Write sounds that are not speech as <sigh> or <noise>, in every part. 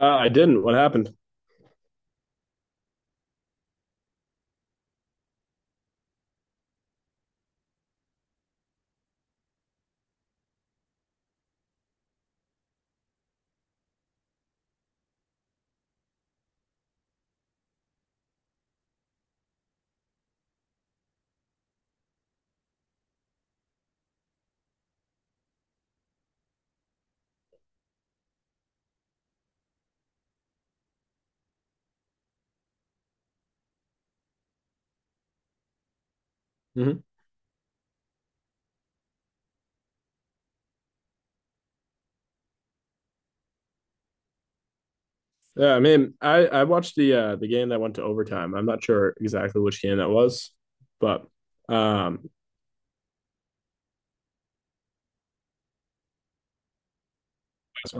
I didn't. What happened? Hmm. Yeah, I mean, I watched the game that went to overtime. I'm not sure exactly which game that was, but um,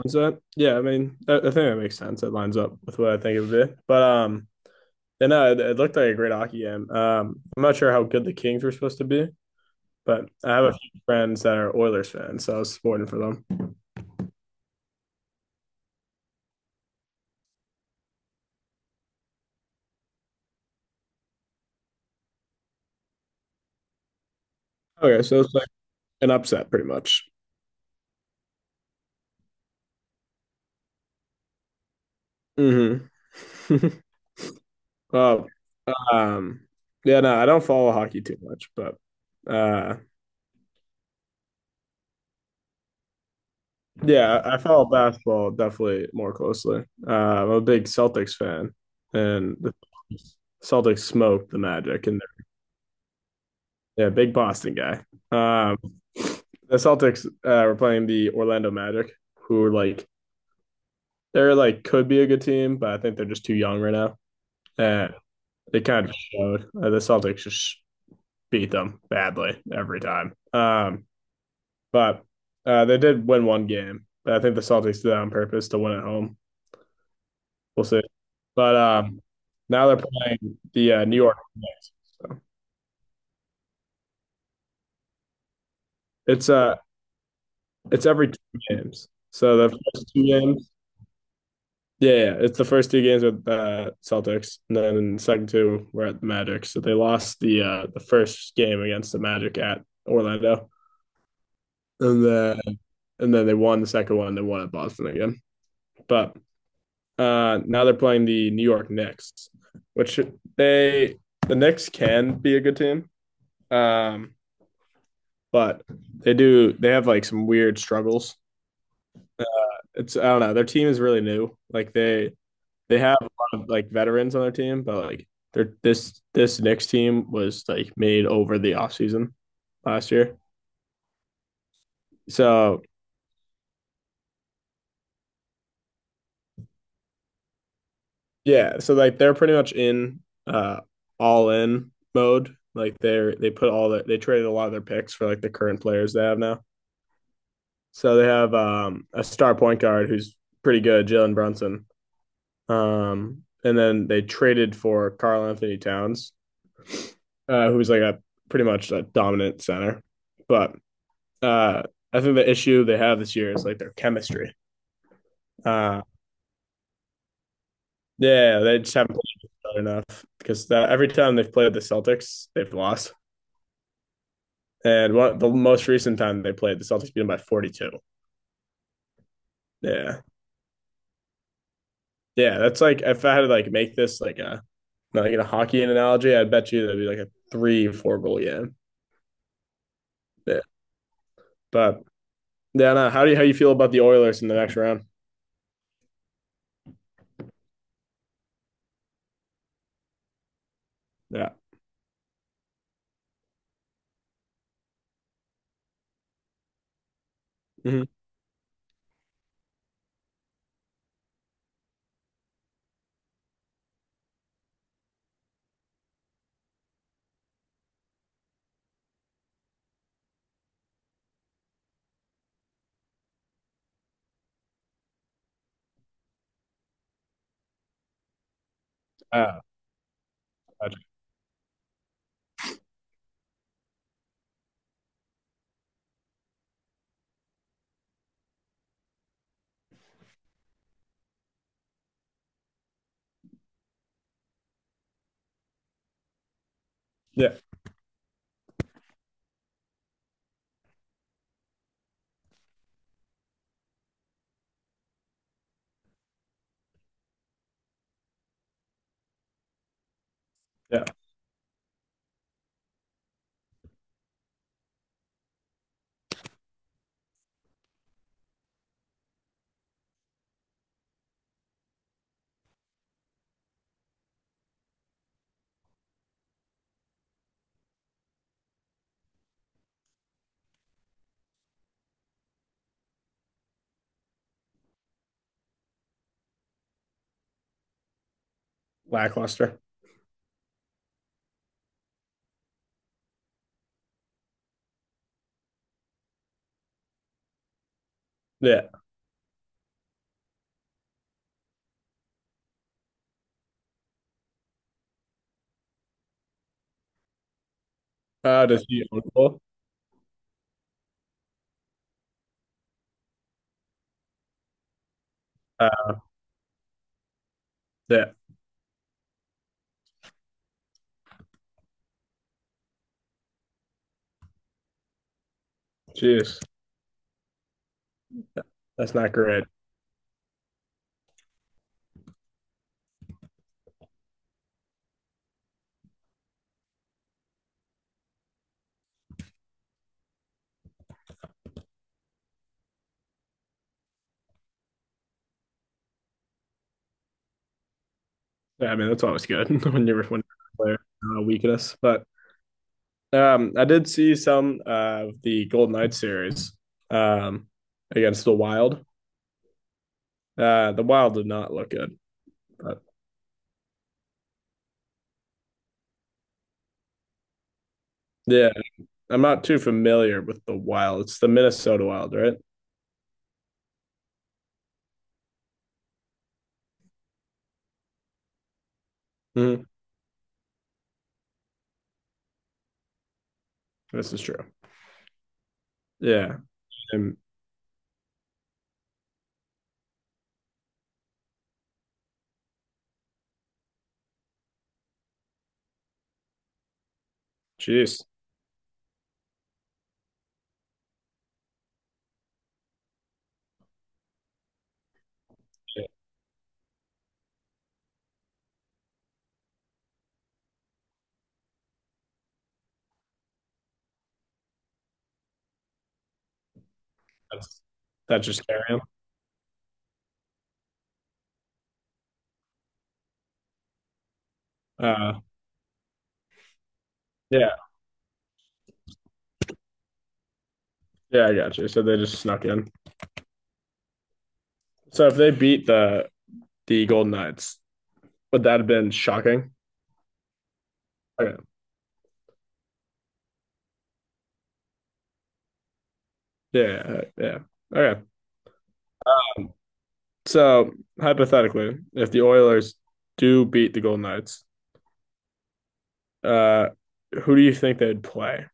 that. Yeah, I mean, I think that makes sense. It lines up with what I think it would be. But and it, it looked like a great hockey game. I'm not sure how good the Kings were supposed to be, but I have a few friends that are Oilers fans, so I was supporting for them. Okay, so it's like an upset, pretty much. Hmm. <laughs> Oh, um, yeah, no, I don't follow hockey too much, but uh, yeah, I follow basketball definitely more closely. I'm a big Celtics fan, and the Celtics smoked the Magic, and they're, yeah, big Boston guy. Um, the Celtics were playing the Orlando Magic, who are like could be a good team, but I think they're just too young right now, and it kind of showed. The Celtics just beat them badly every time. But they did win one game, but I think the Celtics did that on purpose to win at home. We'll see. But now they're playing the New York Knicks. So it's uh it's every two games. So the first two games, yeah, yeah. It's the first two games with the Celtics, and then in the second two we're at the Magic. So they lost the first game against the Magic at Orlando, and then they won the second one. They won at Boston again, but uh, now they're playing the New York Knicks, which they the Knicks can be a good team, um, but they have like some weird struggles. It's I don't know. Their team is really new. Like they have a lot of like veterans on their team, but like they're this Knicks team was like made over the offseason last year. So yeah, so like they're pretty much in uh all in mode. Like they put all that they traded a lot of their picks for like the current players they have now. So they have a star point guard who's pretty good, Jalen Brunson. And then they traded for Karl Anthony Towns, who's like a pretty much a dominant center. But uh, I think the issue they have this year is like their chemistry. Uh, yeah, they just haven't played enough because that, every time they've played the Celtics, they've lost. And one, the most recent time they played, the Celtics beat them by 42. Yeah. Yeah. That's like, if I had to like make this like a hockey analogy, I bet you that'd be like a three, four goal game. Yeah. But yeah, no, how do you how you feel about the Oilers in the next round? Yeah. Hmm. Uh, yeah, yeah. Lackluster. Yeah. Uh, does he own goal? Uh, yeah. Jeez. That's not great. Yeah, I mean, that's always good <laughs> when you're a player weakness. But um, I did see some of the Golden Knights series um against the Wild. Uh, the Wild did not look good. But yeah, I'm not too familiar with the Wild. It's the Minnesota Wild, right? Hmm. This is true. Yeah. And jeez, yeah, that's just carry 'em? Uh, yeah, yeah, I got you. So they just snuck in. So if they beat the Golden Knights, would that have been shocking? Okay. Yeah, yeah. Yeah. Okay. Um, so hypothetically, if the Oilers do beat the Golden Knights, uh, who do you think they'd play?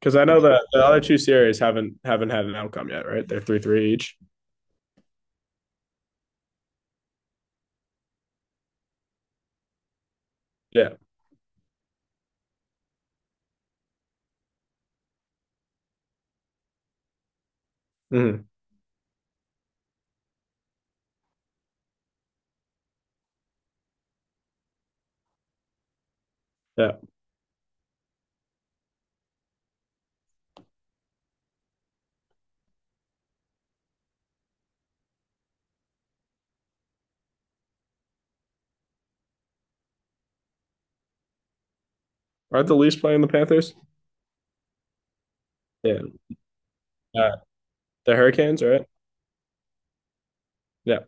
Because I know that the other two series haven't had an outcome yet, right? They're three three each. Yeah. Hmm. Yeah. Aren't the Leafs playing the Panthers? Yeah. Uh, the Hurricanes, right? Yeah.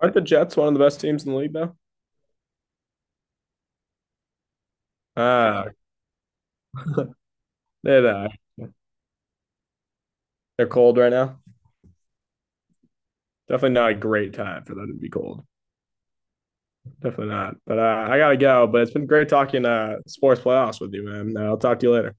Aren't the Jets one of the best teams in the league now? Ah, they're uh, they're cold right now. Definitely not a great time for them to be cold. Definitely not. But I gotta go. But it's been great talking sports playoffs with you, man. I'll talk to you later.